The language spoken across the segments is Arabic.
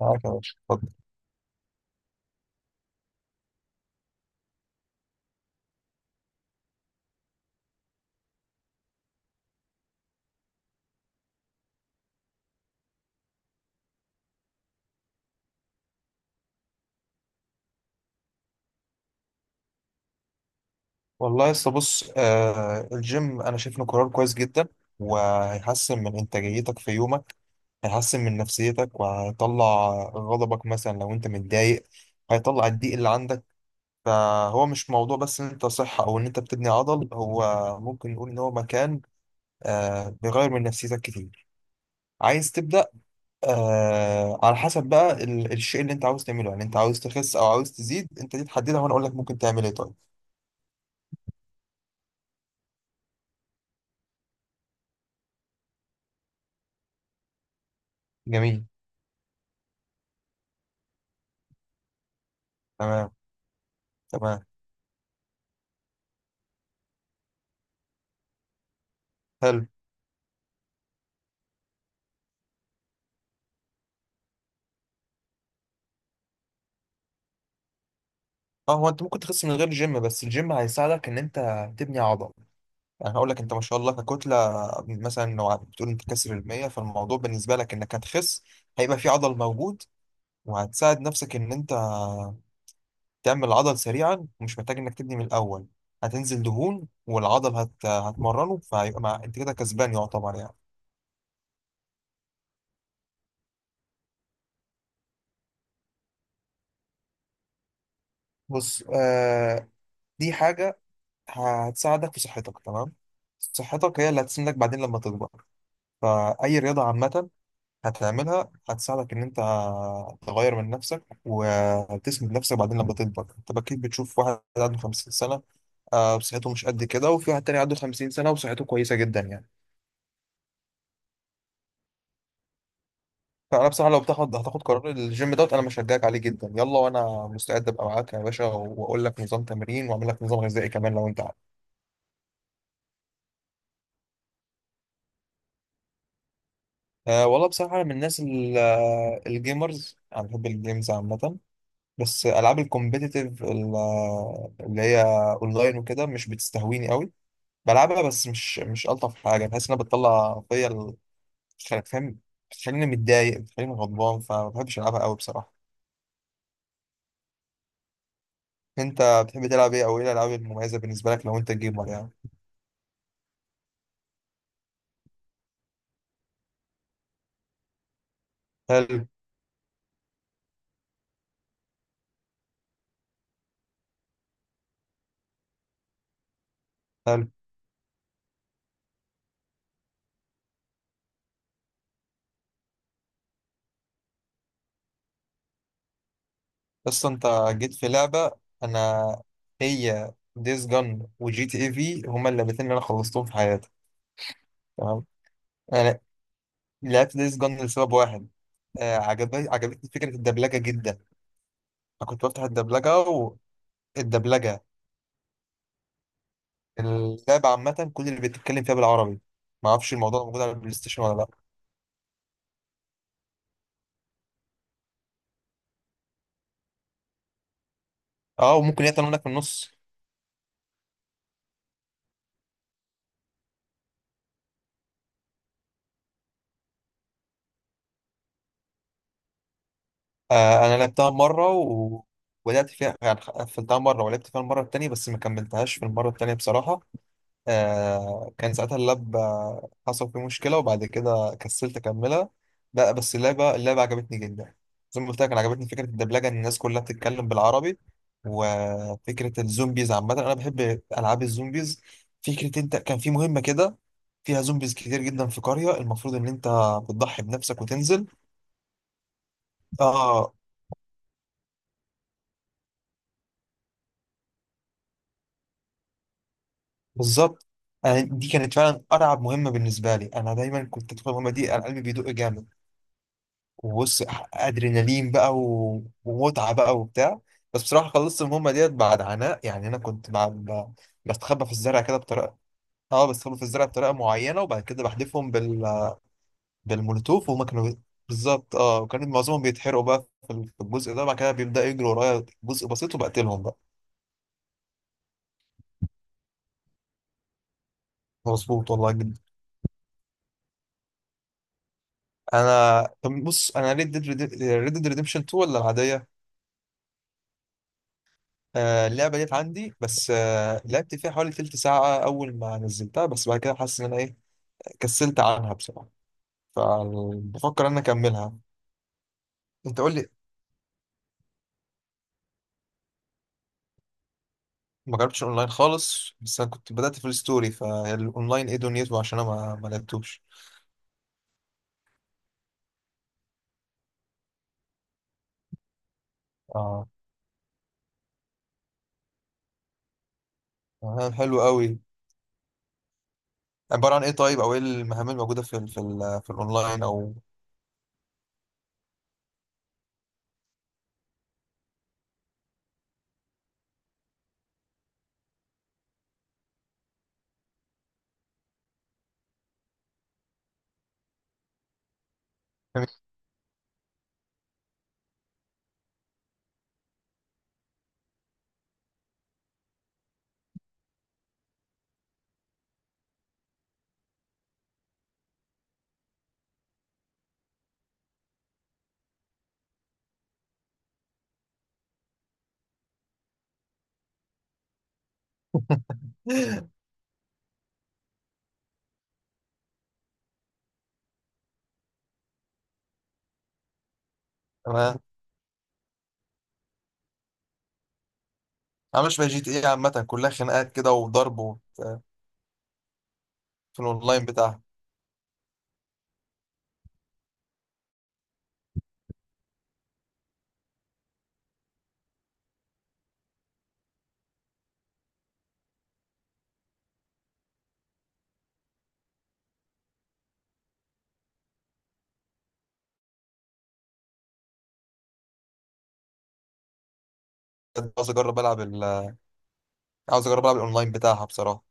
معاك يا باشا، اتفضل. والله لسه بص الجيم، انا شايف انه قرار كويس جدا، وهيحسن من انتاجيتك في يومك، هيحسن من نفسيتك وهيطلع غضبك مثلا لو انت متضايق، هيطلع الضيق اللي عندك. فهو مش موضوع بس ان انت صحة او ان انت بتبني عضل، هو ممكن نقول ان هو مكان بيغير من نفسيتك كتير. عايز تبدأ؟ آه، على حسب بقى الشيء اللي انت عاوز تعمله، يعني انت عاوز تخس او عاوز تزيد، انت دي تحددها وانا اقول لك ممكن تعمل ايه. طيب، جميل. تمام. تمام. حلو. اه، هو انت ممكن تخس من غير الجيم، بس الجيم هيساعدك ان انت تبني عضل. يعني هقول لك انت ما شاء الله ككتله، مثلا لو بتقول انت كسر ال 100، فالموضوع بالنسبه لك انك هتخس، هيبقى في عضل موجود، وهتساعد نفسك ان انت تعمل عضل سريعا ومش محتاج انك تبني من الاول. هتنزل دهون والعضل هتمرنه، فهيبقى انت كده كسبان يعتبر يعني. بص، دي حاجه هتساعدك في صحتك. تمام، صحتك هي اللي هتسندك بعدين لما تكبر، فأي رياضة عامة هتعملها هتساعدك ان انت تغير من نفسك وتسند نفسك بعدين لما تكبر. انت اكيد بتشوف واحد عنده 50 سنه، صحته مش قد كده، وفي واحد تاني عنده 50 سنه وصحته كويسه جدا يعني. فانا بصراحه لو هتاخد قرار الجيم دوت، انا مشجعك عليه جدا، يلا، وانا مستعد ابقى معاك يا باشا واقول لك نظام تمرين واعمل لك نظام غذائي كمان لو انت عايز. أه والله بصراحه، انا من الناس الجيمرز، انا بحب الجيمز عامه، بس العاب الكومبيتيتيف اللي هي اونلاين وكده مش بتستهويني قوي. بلعبها بس مش الطف حاجه، بحس انها بتطلع فيا فاهم، بتخليني متضايق، بتخليني غضبان، فما بحبش العبها قوي بصراحه. انت بتحب تلعب ايه، او ايه الالعاب المميزه بالنسبه لك لو انت جيمر يعني؟ حلو. حلو، بس انت جيت في لعبه، انا هي ديز جن وجي تي اي في هما اللعبتين اللي انا خلصتهم في حياتي. تمام. انا لعبت ديز جن لسبب واحد، آه، عجبني عجبتني فكره الدبلجه جدا. انا كنت بفتح الدبلجه، والدبلجه اللعبة عامة كل اللي بتتكلم فيها بالعربي. ما اعرفش الموضوع ده موجود على البلاي ستيشن ولا لا. اه وممكن هي تمرينك في النص. آه انا لعبتها مرة ولعبت فيها يعني، قفلتها مرة ولعبت فيها المرة التانية بس ما كملتهاش في المرة التانية بصراحة. آه كان ساعتها اللاب حصل فيه مشكلة وبعد كده كسلت أكملها. لا بس اللعبة، عجبتني جدا، زي ما قلت لك، أنا عجبتني فكرة الدبلجة إن الناس كلها بتتكلم بالعربي، وفكرة الزومبيز عامة أنا بحب ألعاب الزومبيز. فكرة أنت كان في مهمة كده فيها زومبيز كتير جدا في قرية، المفروض إن أنت بتضحي بنفسك وتنزل. آه. بالظبط، أنا دي كانت فعلا أرعب مهمة بالنسبة لي، أنا دايما كنت أدخل المهمة دي أنا قلبي بيدق جامد. وبص، ادرينالين بقى ومتعه بقى وبتاع، بس بصراحه خلصت المهمه ديت بعد عناء يعني. انا كنت مع بستخبى في الزرع كده بطريقه، اه بستخبى في الزرع بطريقه معينه، وبعد كده بحدفهم بالمولوتوف، وهم كانوا بالظبط، اه، وكان معظمهم بيتحرقوا بقى في الجزء ده، بعد كده بيبداوا يجروا ورايا جزء بسيط وبقتلهم بقى. مظبوط والله جدا. انا طب بص انا ريد ديد، ريديمشن 2 ولا العاديه؟ آه اللعبه ديت عندي، بس آه لعبت فيها حوالي تلت ساعه اول ما نزلتها، بس بعد كده حاسس ان انا ايه، كسلت عنها بصراحة، فبفكر ان أنا اكملها. انت قول لي، ما جربتش اونلاين خالص، بس انا كنت بدأت في الستوري، فالاونلاين ايه دنيته؟ عشان انا ما لعبتوش. اه. آه، حلو قوي. عبارة عن ايه طيب، او ايه المهام الموجودة في ال في الاونلاين او؟ انا، مش بقى جي تي ايه عامة كلها خناقات كده وضرب وبتاع، في الاونلاين بتاعها. عاوز اجرب عاوز اجرب العب الاونلاين بتاعها بصراحة.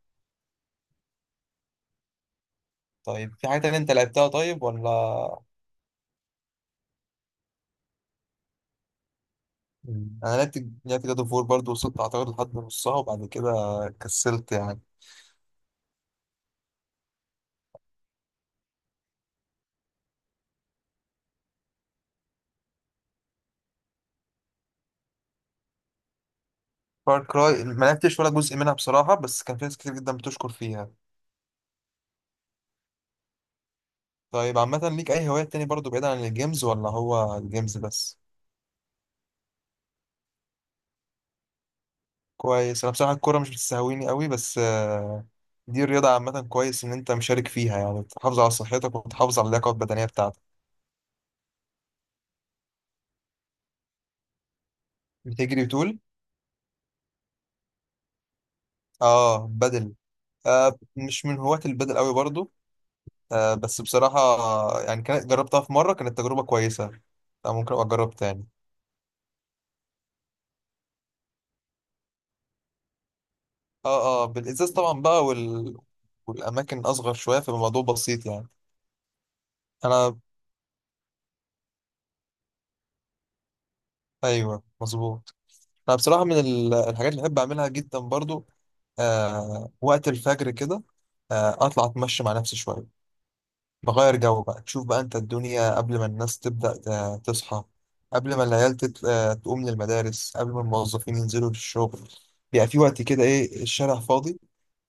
طيب في حاجة تانية انت لعبتها طيب ولا؟ مم. انا لعبت جاد اوف وور برضه، وصلت اعتقد لحد نصها وبعد كده كسلت يعني. فار كراي ما لعبتش ولا جزء منها بصراحة، بس كان في ناس كتير جدا بتشكر فيها. طيب عامة ليك أي هوايات تاني برضه بعيد عن الجيمز ولا هو الجيمز بس؟ كويس. أنا بصراحة الكورة مش بتستهويني قوي، بس دي الرياضة عامة، كويس إن أنت مشارك فيها يعني، بتحافظ على صحتك وبتحافظ على اللياقة البدنية بتاعتك. بتجري وتقول. آه بدل. آه مش من هواة البدل قوي برضه، آه، بس بصراحة، يعني كانت جربتها في مرة كانت تجربة كويسة، آه، ممكن أبقى أجرب تاني. اه اه، بالإزاز طبعا بقى والأماكن أصغر شوية، فالموضوع بسيط يعني. أنا. أيوه مظبوط، أنا بصراحة من الحاجات اللي بحب أعملها جدا برضو، آه وقت الفجر كده، آه أطلع أتمشى مع نفسي شوية، بغير جو بقى، تشوف بقى أنت الدنيا قبل ما الناس تبدأ تصحى، قبل ما العيال تت... آه، تقوم للمدارس، قبل ما الموظفين ينزلوا للشغل، بيبقى في وقت كده إيه الشارع فاضي،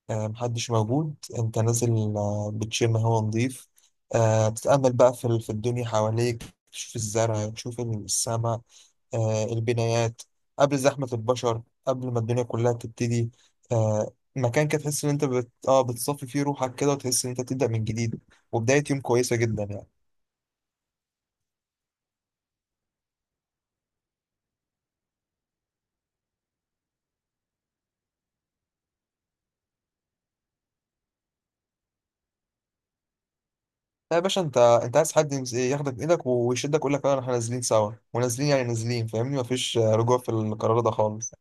آه، محدش موجود، انت نازل آه، بتشم هوا نضيف، آه، بتتأمل بقى في الدنيا حواليك، تشوف الزرع، تشوف السماء، آه، البنايات، قبل زحمة البشر، قبل ما الدنيا كلها تبتدي. آه، مكان كده تحس ان انت بت... اه بتصفي فيه روحك كده، وتحس ان انت بتبدأ من جديد، وبداية يوم كويسة جدا يعني. لا يا باشا، انت عايز حد ياخدك بايدك ويشدك، يقول لك يلا احنا نازلين سوا، ونازلين يعني نازلين، فاهمني، مفيش رجوع في القرار ده خالص.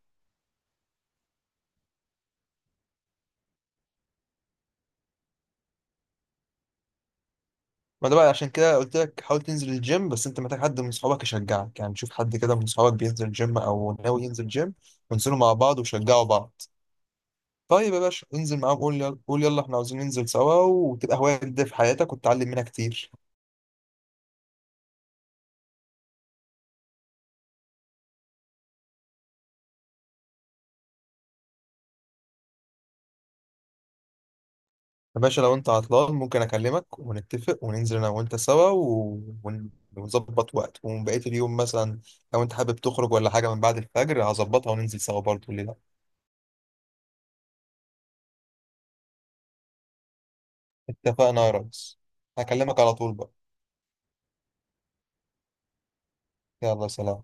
ما ده بقى عشان كده قلت لك حاول تنزل الجيم، بس انت محتاج حد من صحابك يشجعك، يعني شوف حد كده من صحابك بينزل جيم او ناوي ينزل جيم، وانزلوا مع بعض وشجعوا بعض. طيب يا باشا انزل معاهم، قول يلا، قول يلا احنا عاوزين ننزل سوا، وتبقى هواية جديدة في حياتك وتتعلم منها كتير. يا باشا لو انت عطلان ممكن اكلمك ونتفق وننزل انا وانت سوا ونظبط وقت، وبقية اليوم مثلا لو انت حابب تخرج ولا حاجة من بعد الفجر هظبطها وننزل سوا برضه، ليه لا. اتفقنا يا ريس. هكلمك على طول بقى. يلا سلام.